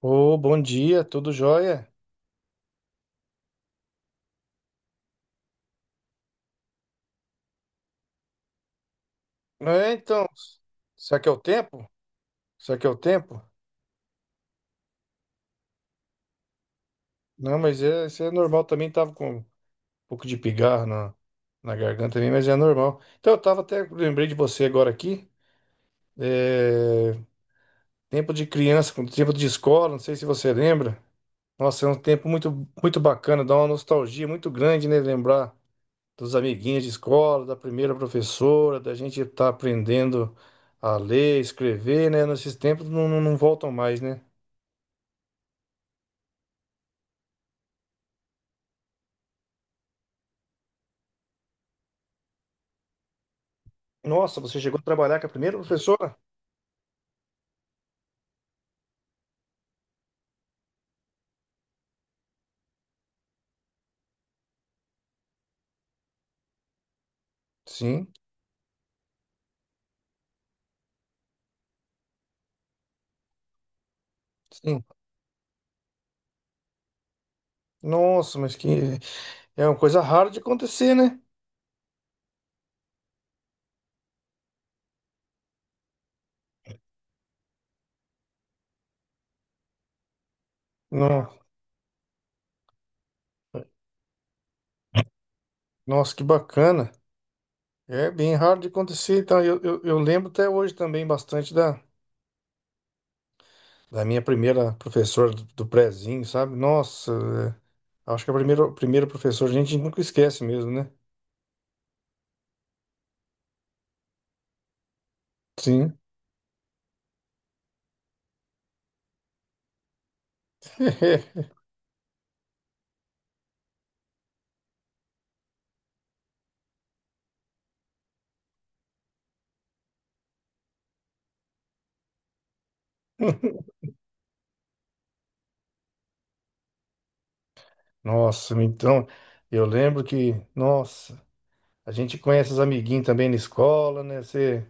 Ô, bom dia, tudo jóia? É, então, será que é o tempo? Será que é o tempo? Não, mas é, isso é normal também, tava com um pouco de pigarro na garganta também, mas é normal. Então, eu tava até, lembrei de você agora aqui, é, tempo de criança, com tempo de escola, não sei se você lembra. Nossa, é um tempo muito, muito bacana, dá uma nostalgia muito grande, né, lembrar dos amiguinhos de escola, da primeira professora, da gente estar aprendendo a ler, escrever, né? Nesses tempos não voltam mais, né? Nossa, você chegou a trabalhar com a primeira professora? Sim, sim. Nossa, mas que é uma coisa rara de acontecer, né? No- Nossa, que bacana. É bem raro de acontecer. Então, eu lembro até hoje também bastante da minha primeira professora do prézinho, sabe? Nossa, é, acho que a primeira professora a gente nunca esquece mesmo, né? Sim. Nossa, então, eu lembro que, nossa, a gente conhece os amiguinhos também na escola, né? Você,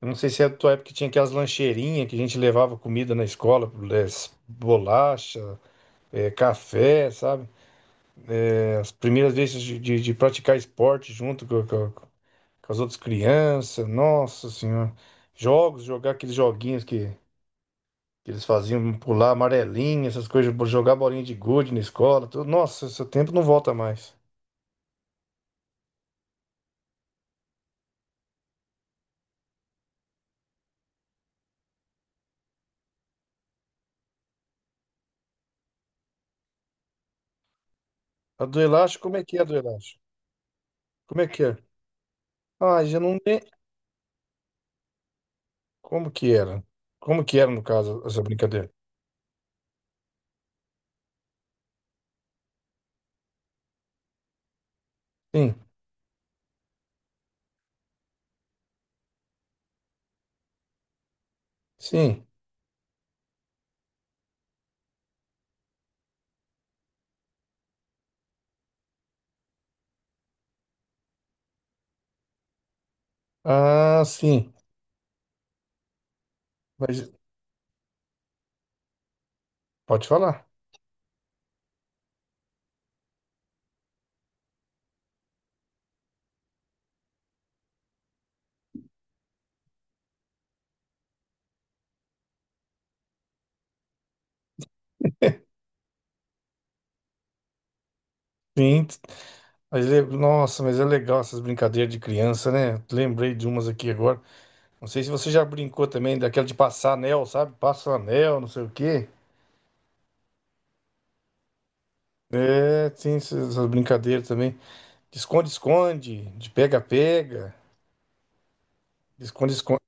eu não sei se é da tua época que tinha aquelas lancheirinhas que a gente levava comida na escola, eh, bolacha, café, sabe? É, as primeiras vezes de praticar esporte com as outras crianças, nossa senhora. Jogos, jogar aqueles joguinhos que eles faziam, pular amarelinha, essas coisas, jogar bolinha de gude na escola, tudo. Nossa, esse tempo não volta mais. A do elástico, como é que é a do elástico? Como é que é? Ah, já não tem. Como que era? Como que era, no caso, essa brincadeira? Sim, sim. Ah, sim. Mas pode falar. Sim. Mas, nossa, mas é legal essas brincadeiras de criança, né? Lembrei de umas aqui agora. Não sei se você já brincou também daquela de passar anel, sabe? Passa o anel, não sei o quê. É, tem essas brincadeiras também. De esconde-esconde, de esconde-esconde.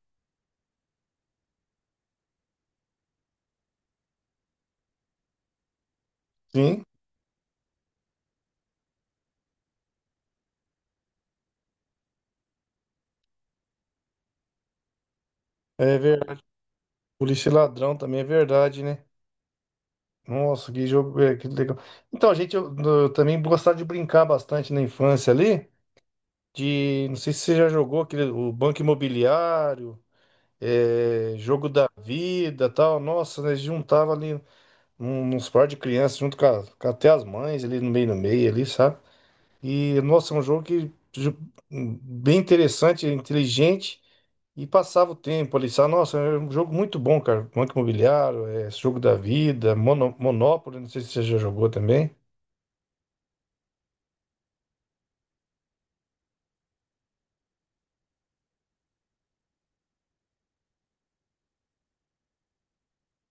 Sim, é verdade. Polícia e ladrão também é verdade, né? Nossa, que jogo, é, que legal. Então, eu também gostava de brincar bastante na infância ali, de, não sei se você já jogou aquele, o Banco Imobiliário, é, Jogo da Vida, tal. Nossa, nós juntava ali uns par de crianças com até as mães ali no meio ali, sabe? E nossa, é um jogo bem interessante, inteligente. E passava o tempo ali, sabe? Nossa, é um jogo muito bom, cara. Banco Imobiliário, é, Jogo da Vida, Monopólio, não sei se você já jogou também.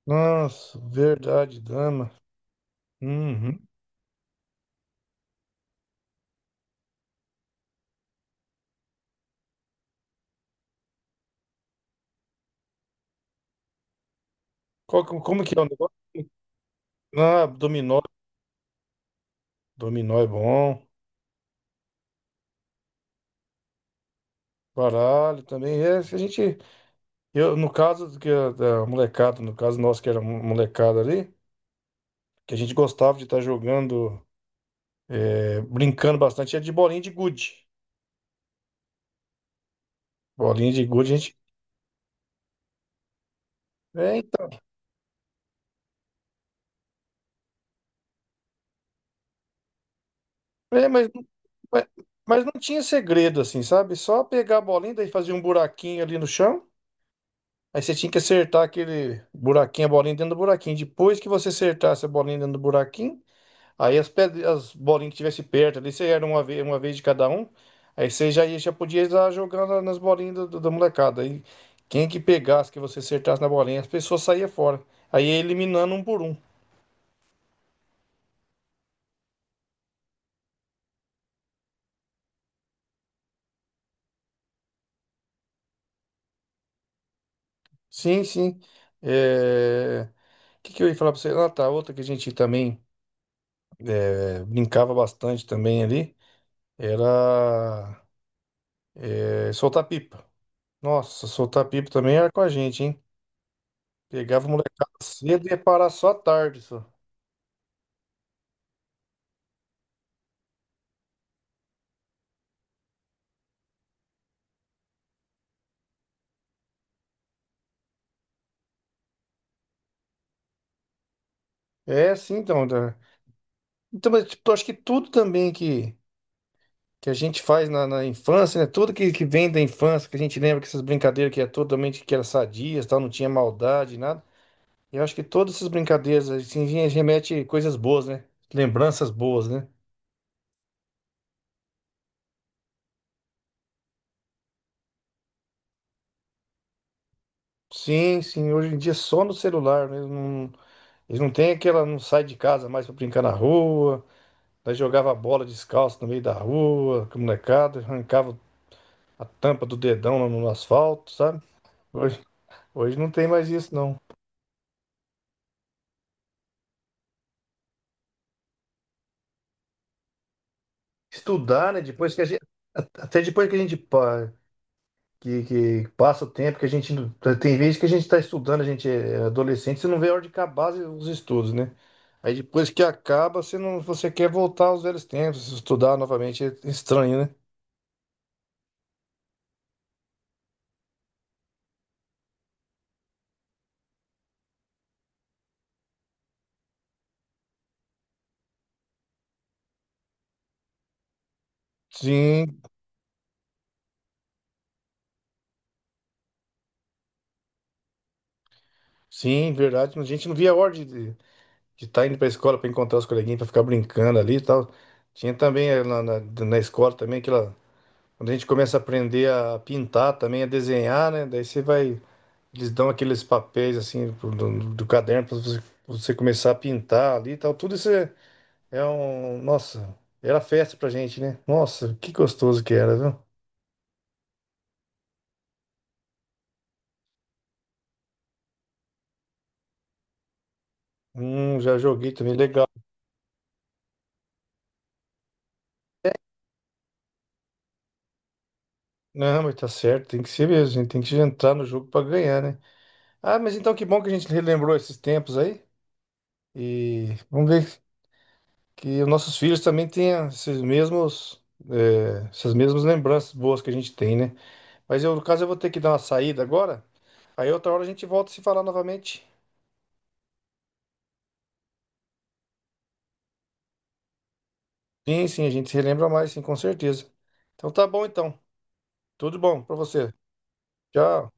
Nossa, verdade, dama. Uhum. Como que é o negócio? Ah, dominó. Dominó é bom. Baralho também. É, se a gente, eu, no caso do que a, da molecada, no caso nosso que era molecada ali, que a gente gostava de estar jogando, é, brincando bastante, era de bolinha de gude. Bolinha de gude, a gente. É, então, é, mas, mas não tinha segredo assim, sabe? Só pegar a bolinha, daí fazia um buraquinho ali no chão. Aí você tinha que acertar aquele buraquinho, a bolinha dentro do buraquinho. Depois que você acertasse a bolinha dentro do buraquinho, aí as, pedras, as bolinhas que tivesse perto ali, você era uma vez de cada um. Aí você já podia ir lá jogando nas bolinhas da molecada. Aí quem que pegasse, que você acertasse na bolinha, as pessoas saíam fora. Aí ia eliminando um por um. Sim, sim. É... o que que eu ia falar pra você? Ah, tá, outra que a gente também. É, brincava bastante também ali, era é, soltar pipa. Nossa, soltar pipa também era com a gente, hein? Pegava o molecada cedo e ia parar só à tarde, só. É, sim, então. Então, mas, tipo, eu acho que tudo também que a gente faz na infância, né? Tudo que vem da infância, que a gente lembra que essas brincadeiras que era totalmente que era sadias, tal, não tinha maldade, nada. Eu acho que todas essas brincadeiras, assim, remete coisas boas, né? Lembranças boas, né? Sim, sim, hoje em dia é só no celular mesmo. Eles não têm aquela, não sai de casa mais pra brincar na rua. Nós jogava bola descalço no meio da rua, com a molecada, arrancava a tampa do dedão lá no asfalto, sabe? Hoje, hoje não tem mais isso, não. Estudar, né? Depois que a gente. Até depois que a gente pa- que passa o tempo, que a gente. Tem vezes que a gente está estudando, a gente é adolescente, você não vê a hora de acabar os estudos, né? Aí depois que acaba, você não, você quer voltar aos velhos tempos, estudar novamente é estranho, né? Sim, sim, verdade. A gente não via a hora de estar indo para a escola para encontrar os coleguinhas, para ficar brincando ali e tal. Tinha também na escola também aquela. Quando a gente começa a aprender a pintar também, a desenhar, né? Daí você vai. Eles dão aqueles papéis assim do caderno para você, você começar a pintar ali e tal. Tudo isso é, é um. Nossa, era festa pra gente, né? Nossa, que gostoso que era, viu? Já joguei também, legal. Não, mas tá certo, tem que ser mesmo, a gente tem que entrar no jogo para ganhar, né? Ah, mas então que bom que a gente relembrou esses tempos aí. E vamos ver que os nossos filhos também tenham esses mesmos, essas mesmas lembranças boas que a gente tem, né? Mas eu, no caso, eu vou ter que dar uma saída agora. Aí outra hora a gente volta a se falar novamente. Sim, sim, a gente se relembra mais, sim, com certeza. Então tá bom então. Tudo bom pra você. Tchau.